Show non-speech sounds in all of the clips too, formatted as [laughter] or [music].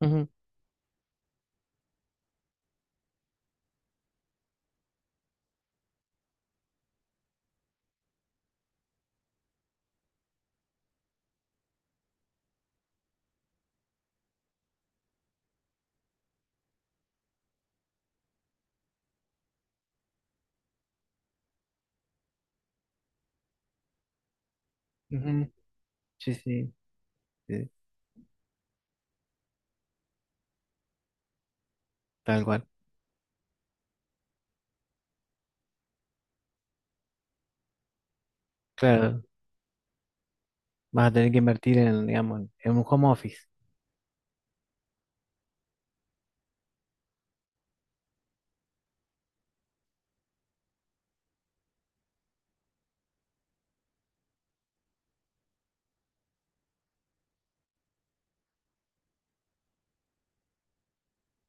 Ujú, ujú. Sí, sí, sí, tal cual. Claro, vas a tener que invertir en, digamos, en un home office,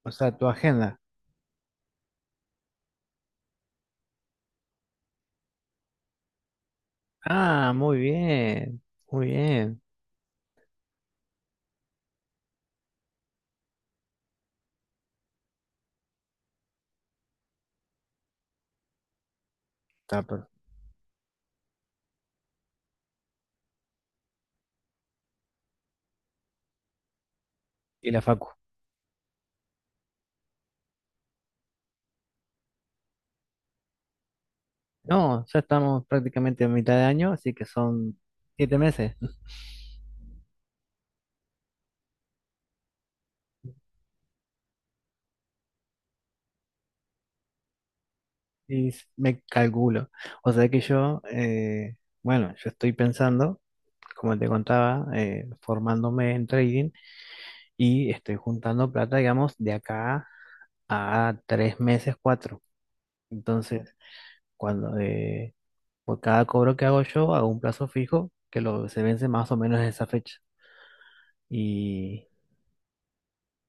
o sea, tu agenda. Ah, muy bien, muy bien. Está per- Y la facu. No, ya estamos prácticamente a mitad de año, así que son 7 meses. [laughs] Y me calculo. O sea que yo, bueno, yo estoy pensando, como te contaba, formándome en trading y estoy juntando plata, digamos, de acá a 3 meses, 4. Entonces, cuando por cada cobro que hago yo, hago un plazo fijo que lo, se vence más o menos en esa fecha. Y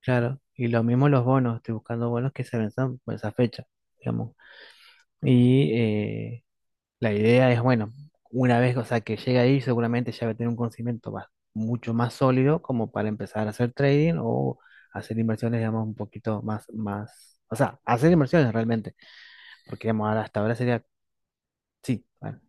claro, y lo mismo los bonos, estoy buscando bonos que se venzan por esa fecha, digamos. Y la idea es, bueno, una vez, o sea, que llegue ahí, seguramente ya va a tener un conocimiento mucho más sólido como para empezar a hacer trading o hacer inversiones, digamos, un poquito más, más, o sea, hacer inversiones realmente, porque digamos, hasta ahora sería, sí. Bueno,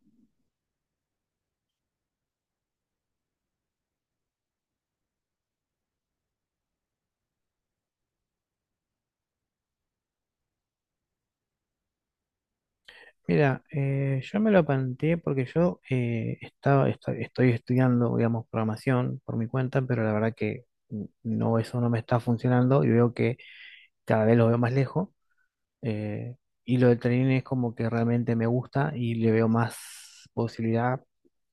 mira, yo me lo planteé porque yo estoy estudiando, digamos, programación por mi cuenta, pero la verdad que no, eso no me está funcionando y veo que cada vez lo veo más lejos. eh, y lo del trading es como que realmente me gusta y le veo más posibilidad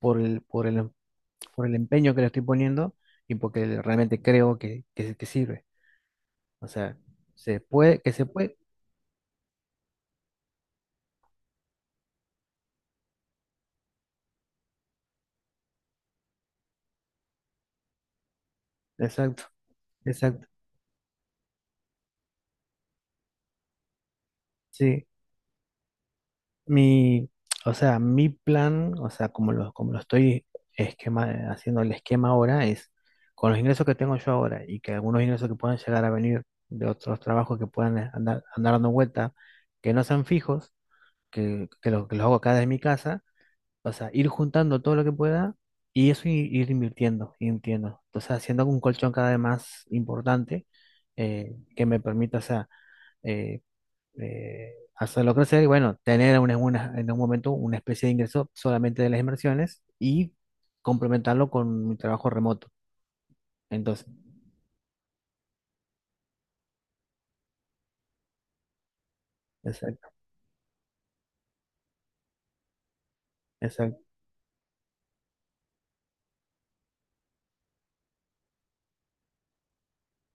por el, por el, por el empeño que le estoy poniendo y porque realmente creo que sirve. O sea, se puede, que se puede. Exacto, exacto. Sí. Mi, o sea, mi plan, o sea, como lo estoy esquema, haciendo el esquema ahora, es con los ingresos que tengo yo ahora y que algunos ingresos que puedan llegar a venir de otros trabajos que puedan andar dando vuelta, que no sean fijos, que los hago acá desde mi casa, o sea, ir juntando todo lo que pueda y eso ir, invirtiendo, invirtiendo. Entonces, haciendo un colchón cada vez más importante que me permita, o sea, eh, hacerlo crecer y bueno, tener en un momento una especie de ingreso solamente de las inversiones y complementarlo con mi trabajo remoto. Entonces, exacto, exacto.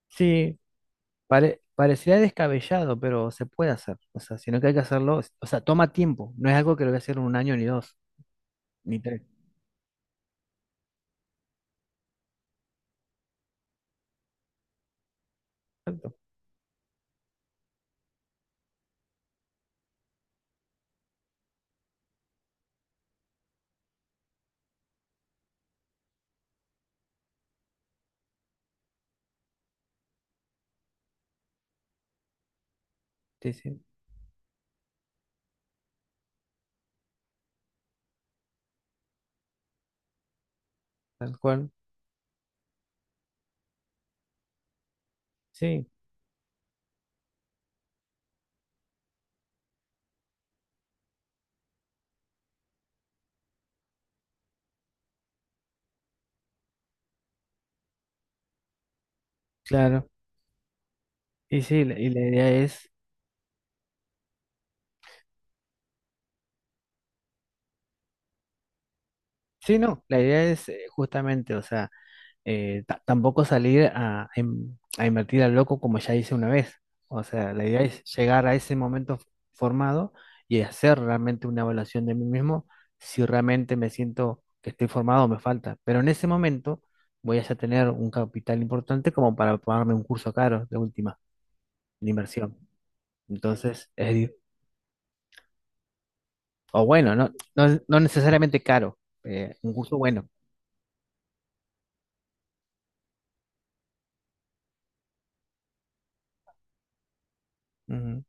Sí, parecería descabellado, pero se puede hacer. O sea, sino que hay que hacerlo, o sea, toma tiempo. No es algo que lo voy a hacer en un año, ni dos, ni tres. Exacto. Sí, sí, tal cual. Sí, claro. Y sí, y la idea es, sí, no, la idea es justamente, o sea, tampoco salir a invertir al loco como ya hice una vez. O sea, la idea es llegar a ese momento formado y hacer realmente una evaluación de mí mismo si realmente me siento que estoy formado o me falta. Pero en ese momento voy a ya tener un capital importante como para pagarme un curso caro de última, de inversión. Entonces, o bueno, no, no, no necesariamente caro, un curso bueno. Ujú,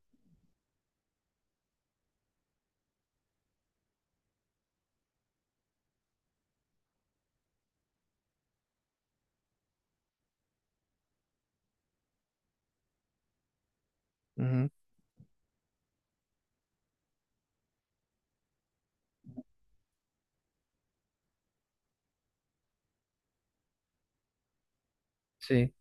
ujú, sí,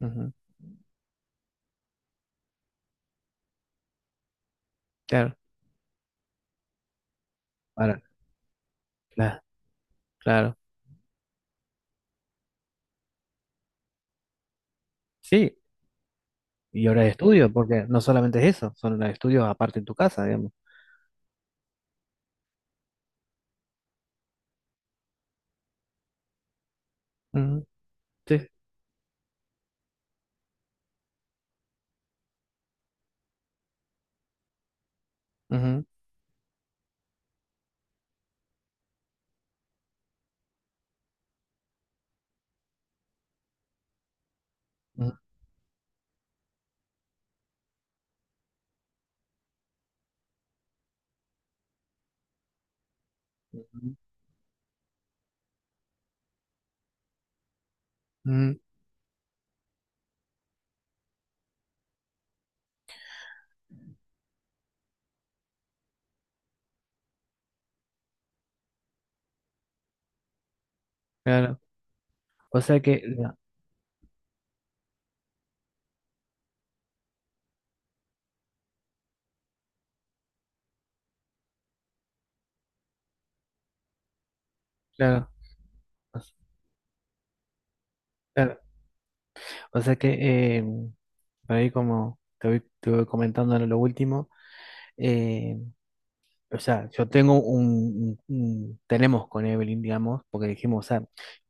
ujú, claro. Ahora, cla- claro. Sí, y horas de estudio, porque no solamente es eso, son horas de estudio aparte en tu casa, digamos. Ujú, sí, ujú, ujú, ujú, ujú, claro. O sea que, claro, o s- claro. O sea que, por ahí como te voy comentando en lo último, eh, O sea, yo tengo tenemos con Evelyn, digamos, porque dijimos, o sea,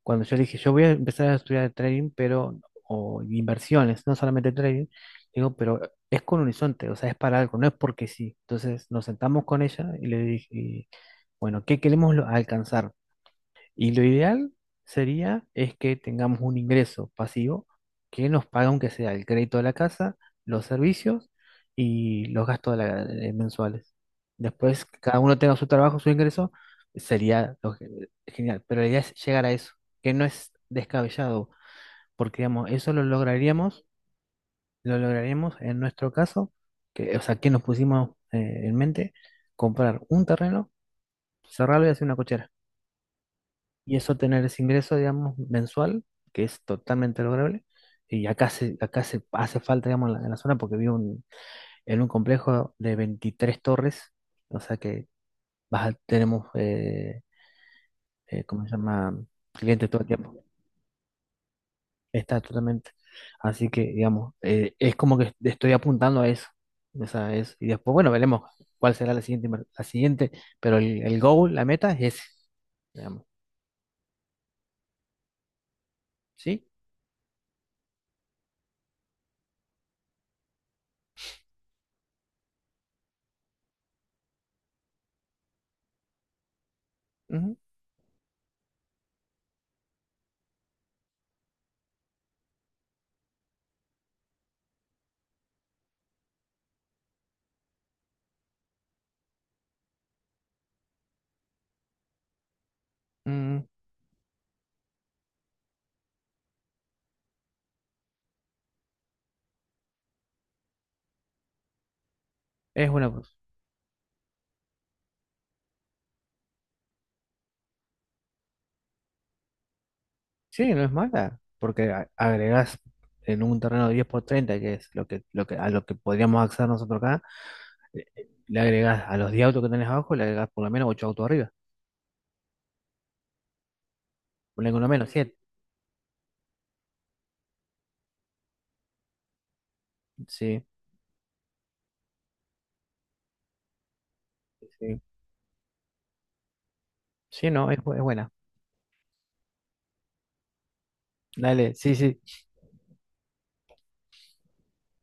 cuando yo dije, yo voy a empezar a estudiar trading, pero, o inversiones, no solamente trading, digo, pero es con horizonte, o sea, es para algo, no es porque sí. Entonces nos sentamos con ella y le dije, y, bueno, ¿qué queremos alcanzar? Y lo ideal sería es que tengamos un ingreso pasivo que nos paga aunque sea el crédito de la casa, los servicios y los gastos de mensuales. Después, que cada uno tenga su trabajo, su ingreso, sería lo genial. Pero la idea es llegar a eso, que no es descabellado, porque digamos, eso lo lograríamos en nuestro caso, que, o sea, que nos pusimos en mente comprar un terreno, cerrarlo y hacer una cochera y eso tener ese ingreso, digamos, mensual, que es totalmente lograble. Y acá se hace falta, digamos, en la zona porque vivo en un complejo de 23 torres, o sea que tenemos, ¿cómo se llama? Clientes todo el tiempo. Está totalmente. Así que, digamos, es como que estoy apuntando a eso. O sea, y después, bueno, veremos cuál será la siguiente, pero el goal, la meta es ese, digamos. ¿Sí? Ujú. Mm, es una. Sí, no es mala, porque agregas en un terreno 10 por 30, que es a lo que podríamos acceder nosotros acá, le agregas a los 10 autos que tenés abajo, le agregas por lo menos 8 autos arriba, por lo menos 7. Sí, sí. Sí, no, es buena. Dale, sí, sí.